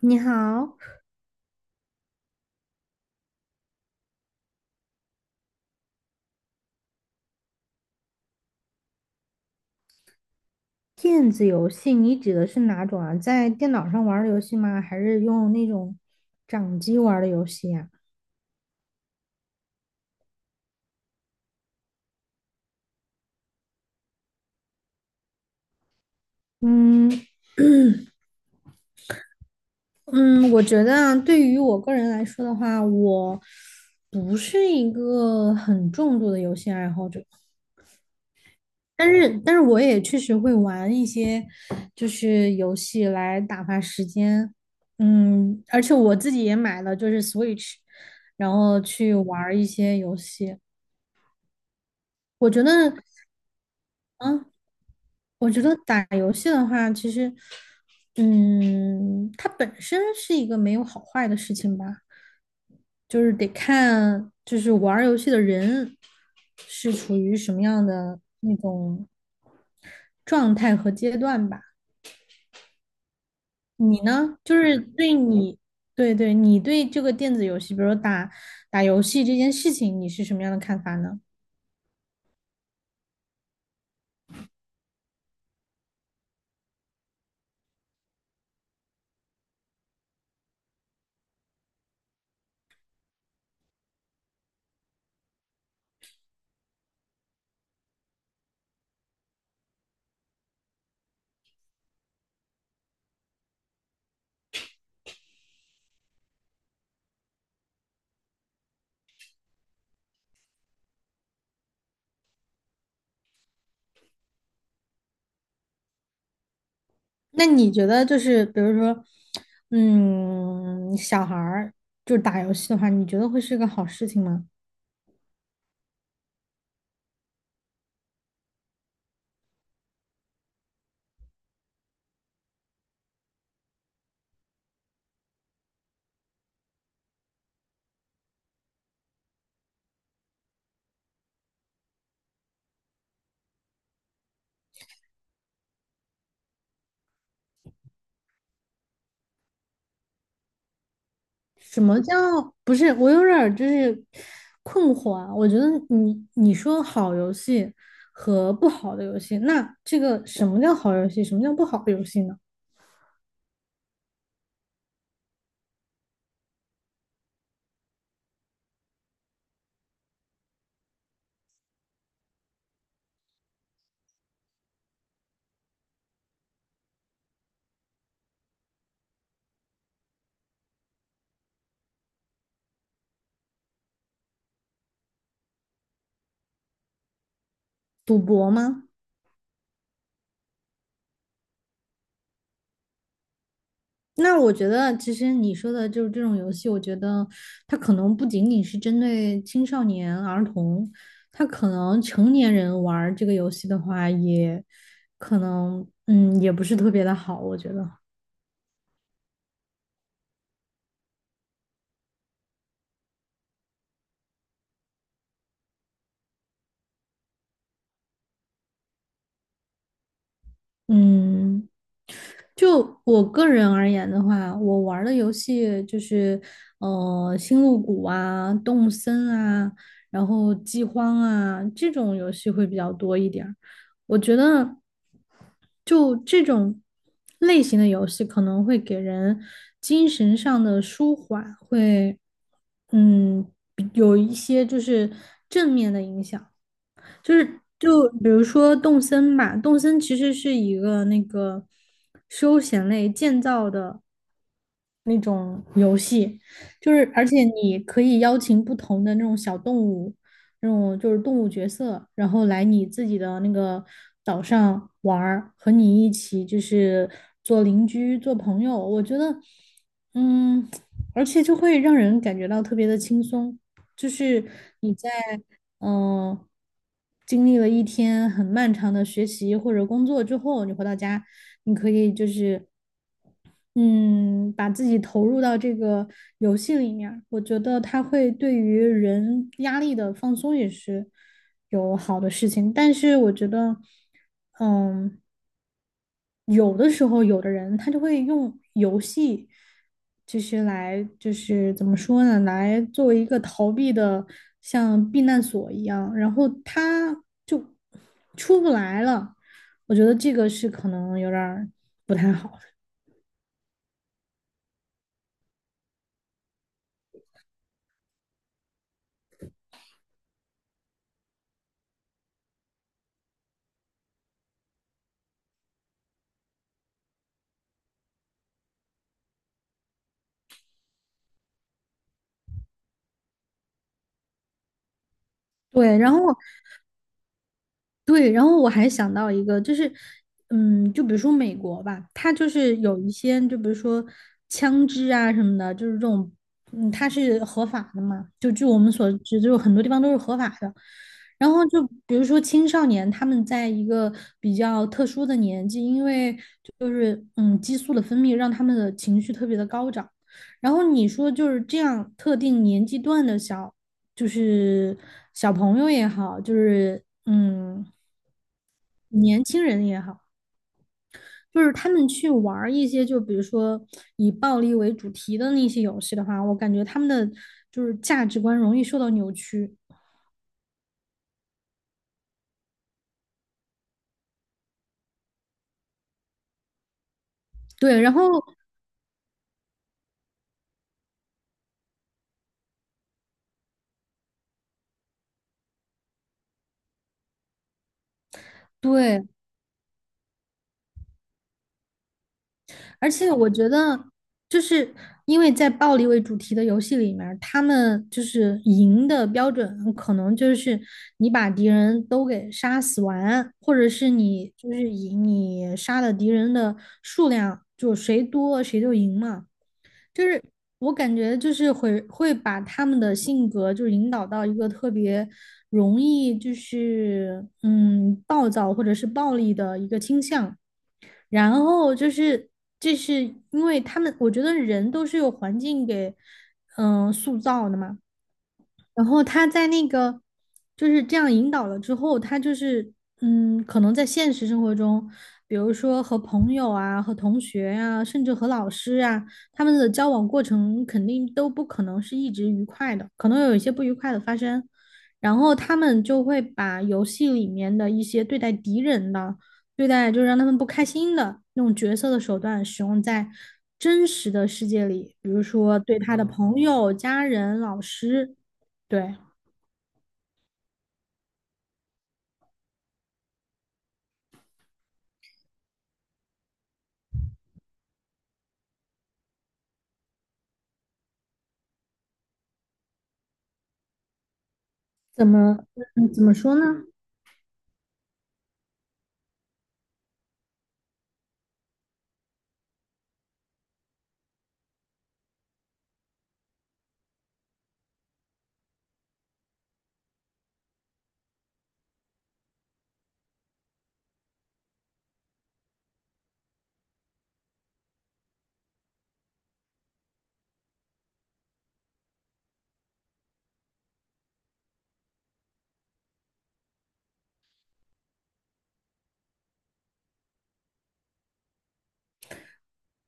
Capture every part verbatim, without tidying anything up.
你好，电子游戏你指的是哪种啊？在电脑上玩儿的游戏吗？还是用那种掌机玩儿的游戏呀？嗯嗯，我觉得啊，对于我个人来说的话，我不是一个很重度的游戏爱好者，但是但是我也确实会玩一些就是游戏来打发时间。嗯，而且我自己也买了就是 Switch，然后去玩儿一些游戏。我觉得。啊，我觉得打游戏的话，其实，嗯，它本身是一个没有好坏的事情吧，就是得看，就是玩儿游戏的人是处于什么样的那种状态和阶段吧。你呢？就是对你，对对，你对这个电子游戏，比如说打打游戏这件事情，你是什么样的看法呢？那你觉得就是，比如说，嗯，小孩儿就是打游戏的话，你觉得会是个好事情吗？什么叫不是？我有点儿就是困惑啊。我觉得你你说好游戏和不好的游戏，那这个什么叫好游戏，什么叫不好的游戏呢？赌博吗？那我觉得其实你说的就是这种游戏，我觉得它可能不仅仅是针对青少年儿童，它可能成年人玩儿这个游戏的话，也可能嗯也不是特别的好，我觉得嗯。就我个人而言的话，我玩儿的游戏就是，呃，星露谷啊、动森啊，然后饥荒啊这种游戏会比较多一点儿。我觉得，就这种类型的游戏可能会给人精神上的舒缓，会嗯有一些就是正面的影响。就是就比如说动森吧，《动森其实是一个那个休闲类建造的，那种游戏，就是而且你可以邀请不同的那种小动物，那种就是动物角色，然后来你自己的那个岛上玩儿，和你一起就是做邻居、做朋友。我觉得，嗯，而且就会让人感觉到特别的轻松，就是你在嗯、呃经历了一天很漫长的学习或者工作之后，你回到家，你可以就是。嗯，把自己投入到这个游戏里面儿我觉得它会对于人压力的放松也是有好的事情。但是我觉得，嗯，有的时候有的人他就会用游戏，就是来就是怎么说呢，来作为一个逃避的像避难所一样，然后他就出不来了。我觉得这个是可能有点儿不太好的。对，然后。对，然后我还想到一个，就是，嗯，就比如说美国吧，它就是有一些，就比如说枪支啊什么的，就是这种，嗯，它是合法的嘛，就据我们所知，就是很多地方都是合法的。然后就比如说青少年，他们在一个比较特殊的年纪，因为就是嗯激素的分泌让他们的情绪特别的高涨。然后你说就是这样特定年纪段的小，就是小朋友也好，就是嗯。年轻人也好，就是他们去玩儿一些，就比如说以暴力为主题的那些游戏的话，我感觉他们的就是价值观容易受到扭曲。对，然后对，而且我觉得就是因为在暴力为主题的游戏里面儿他们就是赢的标准可能就是你把敌人都给杀死完，或者是你就是以你杀的敌人的数量，就谁多谁就赢嘛。就是我感觉就是会会把他们的性格就是引导到一个特别容易就是嗯暴躁或者是暴力的一个倾向，然后就是这是因为他们我觉得人都是由环境给嗯、呃塑造的嘛，然后他在那个就是这样引导了之后，他就是嗯，可能在现实生活中，比如说和朋友啊、和同学啊，甚至和老师啊，他们的交往过程肯定都不可能是一直愉快的，可能有一些不愉快的发生。然后他们就会把游戏里面的一些对待敌人的、对待就是让他们不开心的那种角色的手段使用在真实的世界里，比如说对他的朋友、家人、老师。对，怎么嗯怎么说呢？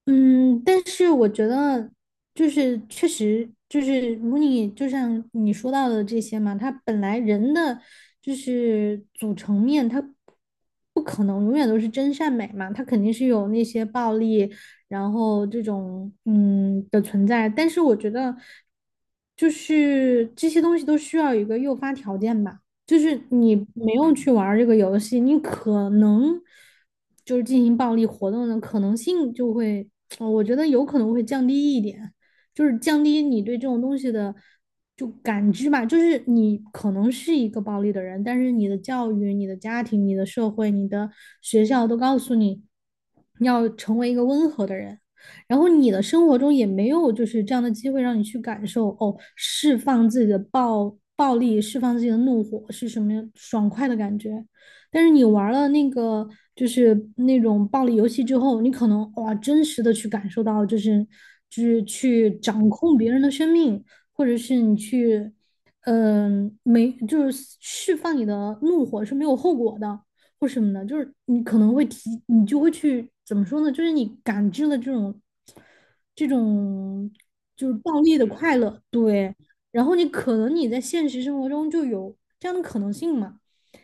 嗯，但是我觉得就是确实就是如你就像你说到的这些嘛，它本来人的就是组成面，它不可能永远都是真善美嘛，它肯定是有那些暴力，然后这种嗯的存在。但是我觉得就是这些东西都需要一个诱发条件吧。就是你没有去玩儿这个游戏，你可能就是进行暴力活动的可能性就会，呃我觉得有可能会降低一点，就是降低你对这种东西的就感知吧。就是你可能是一个暴力的人，但是你的教育、你的家庭、你的社会、你的学校都告诉你要成为一个温和的人。然后你的生活中也没有就是这样的机会让你去感受哦，释放自己的暴暴力，释放自己的怒火是什么爽快的感觉。但是你玩了那个就是那种暴力游戏之后，你可能哇，真实的去感受到，就是就是去掌控别人的生命，或者是你去，嗯、呃没就是释放你的怒火是没有后果的。或什么的，就是你可能会提，你就会去怎么说呢？就是你感知了这种这种就是暴力的快乐，对。然后你可能你在现实生活中就有这样的可能性嘛，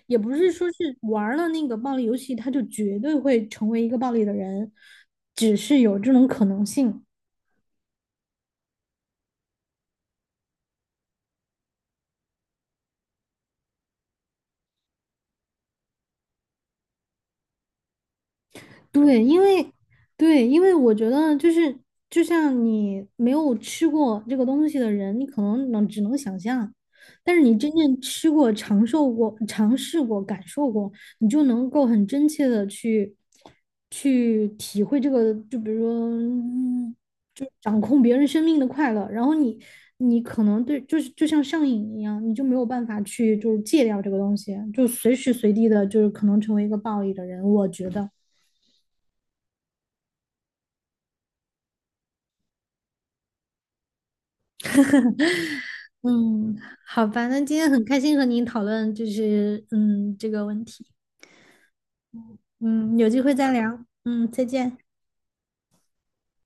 也不是说是玩了那个暴力游戏，他就绝对会成为一个暴力的人，只是有这种可能性。对，因为对，因为我觉得就是就像你没有吃过这个东西的人，你可能能只能想象，但是你真正吃过、尝受过、尝试过、感受过，你就能够很真切的去去体会这个，就比如说，嗯就掌控别人生命的快乐，然后你你可能对就是就像上瘾一样，你就没有办法去就是戒掉这个东西，就随时随地的就是可能成为一个暴力的人，我觉得。嗯，好吧，那今天很开心和您讨论，就是嗯这个问题。嗯，有机会再聊。嗯，再见。